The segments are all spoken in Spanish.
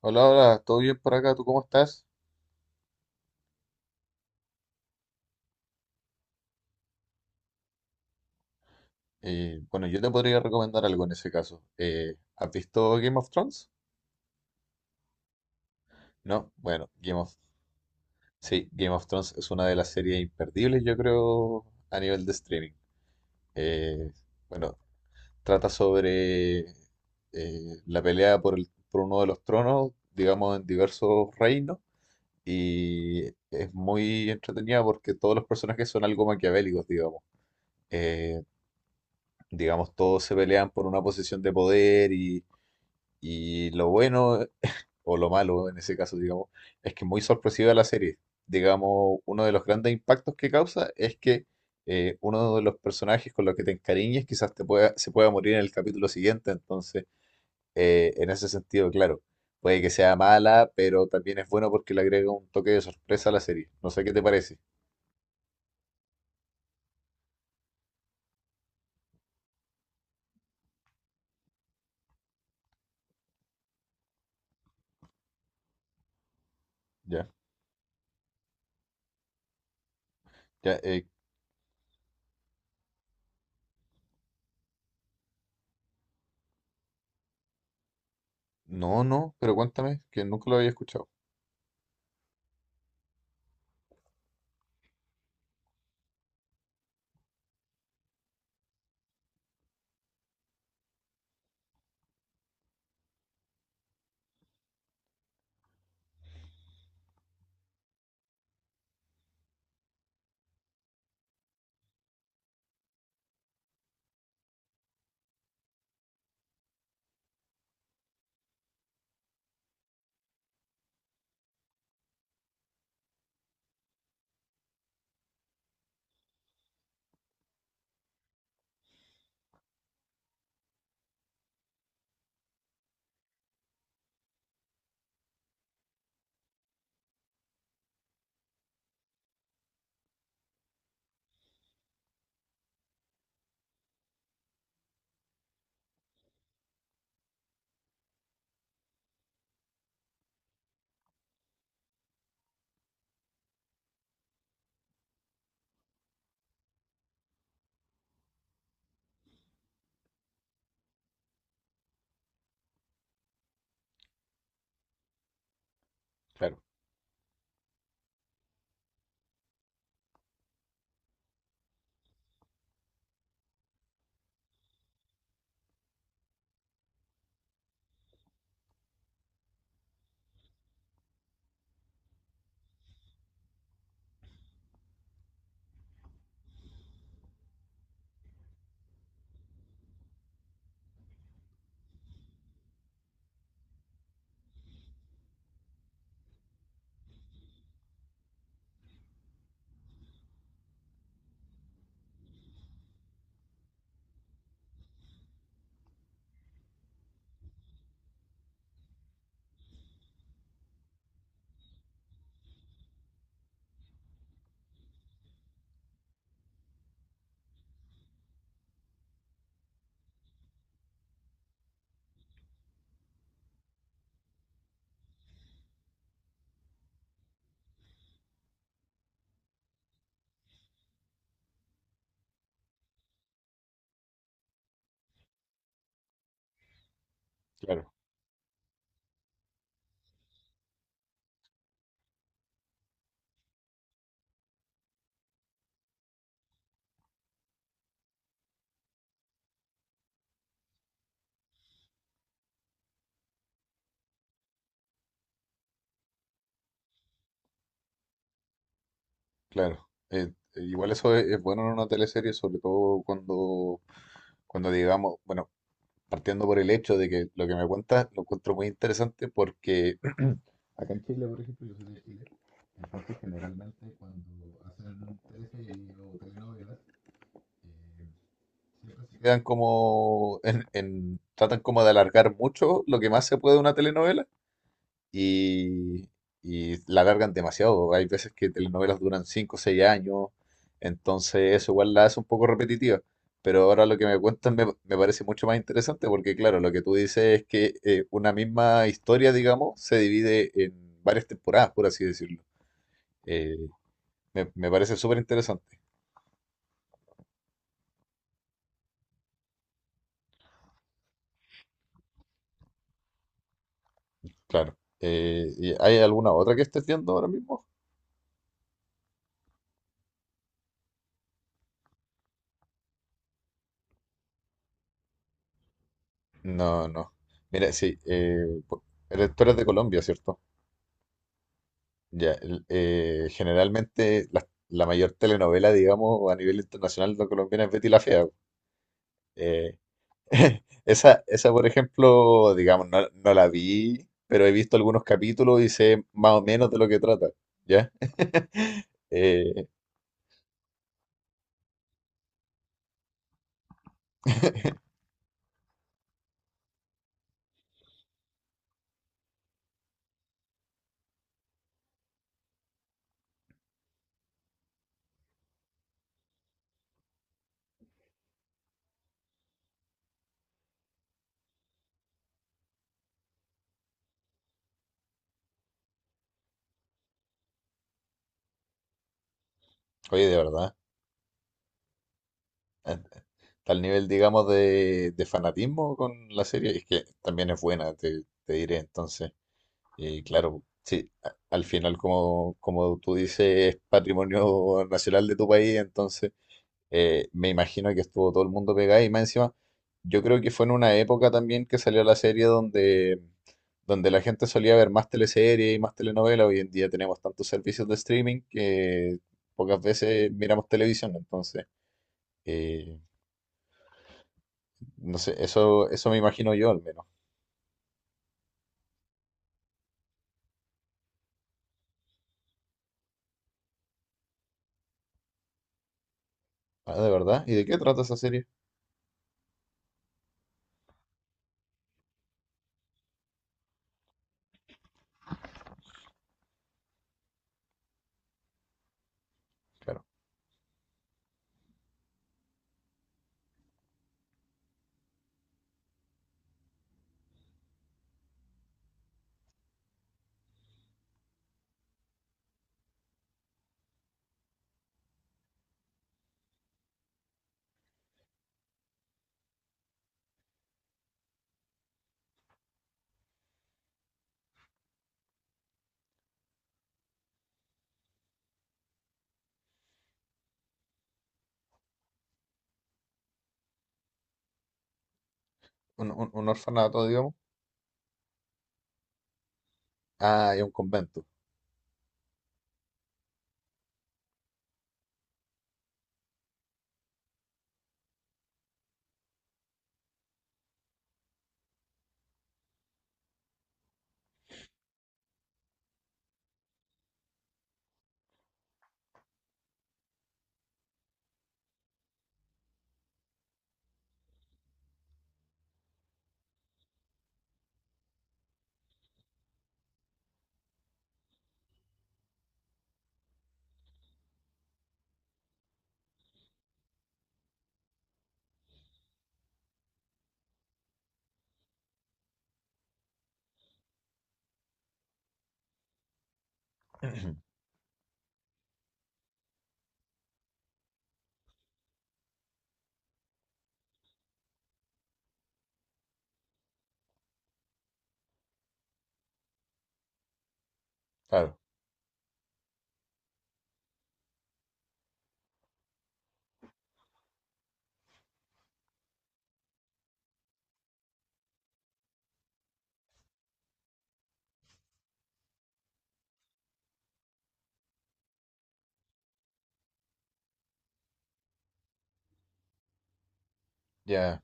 Hola, hola, ¿todo bien por acá? ¿Tú cómo estás? Bueno, yo te podría recomendar algo en ese caso. ¿Has visto Game of Thrones? No, bueno, Game of... Sí, Game of Thrones es una de las series imperdibles, yo creo, a nivel de streaming. Eh, bueno, trata sobre la pelea por uno de los tronos, digamos, en diversos reinos, y es muy entretenida porque todos los personajes son algo maquiavélicos, digamos. Eh, digamos, todos se pelean por una posición de poder y lo bueno, o lo malo en ese caso, digamos, es que es muy sorpresiva la serie. Digamos, uno de los grandes impactos que causa es que uno de los personajes con los que te encariñes se pueda morir en el capítulo siguiente, entonces, en ese sentido, claro, puede que sea mala, pero también es bueno porque le agrega un toque de sorpresa a la serie. No sé qué te parece. Ya, ya, no, no, pero cuéntame, que nunca lo había escuchado. Claro, claro. Claro, igual eso es bueno en una teleserie, sobre todo cuando digamos, bueno, partiendo por el hecho de que lo que me cuentas lo encuentro muy interesante porque, acá en Chile, por ejemplo, yo soy de Chile, entonces generalmente cuando hacen teleseries o telenovelas, eh, siempre se quedan como, tratan como de alargar mucho lo que más se puede de una telenovela y, y la alargan demasiado. Hay veces que telenovelas duran 5 o 6 años, entonces eso igual la hace un poco repetitiva. Pero ahora lo que me cuentan me parece mucho más interesante porque, claro, lo que tú dices es que una misma historia, digamos, se divide en varias temporadas, por así decirlo. Eh, me parece súper interesante, claro. ¿Y hay alguna otra que estés viendo ahora mismo? No, no. Mira, sí, po- eres- tú eres de Colombia, ¿cierto? Ya, generalmente la mayor telenovela, digamos, a nivel internacional no colombiana es Betty la Fea. Eh, esa, por ejemplo, digamos, no, no la vi, pero he visto algunos capítulos y sé más o menos de lo que trata, ¿ya? Eh, oye, de verdad, a tal nivel, digamos, de fanatismo con la serie, es que también es buena, te diré entonces. Y claro, sí, al final, como tú dices, es patrimonio nacional de tu país, entonces me imagino que estuvo todo el mundo pegado y más encima, yo creo que fue en una época también que salió la serie donde la gente solía ver más teleseries y más telenovelas, hoy en día tenemos tantos servicios de streaming que pocas veces miramos televisión, entonces, eh, no sé, eso me imagino yo al menos. Ah, ¿de verdad? ¿Y de qué trata esa serie? Claro, un, un orfanato, digamos. Ah, y un convento. Claro, ya,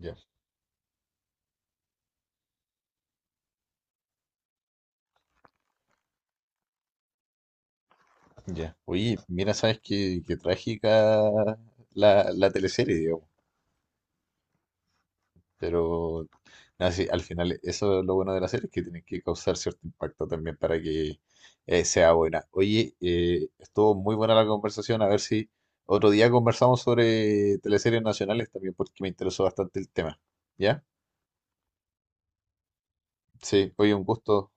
ya, ya. Oye, mira, sabes qué, qué trágica la teleserie, digamos. Pero nada, sí, al final eso es lo bueno de la serie, es que tiene que causar cierto impacto también para que sea buena. Oye, estuvo muy buena la conversación, a ver si otro día conversamos sobre teleseries nacionales también, porque me interesó bastante el tema. ¿Ya? Sí, oye, un gusto.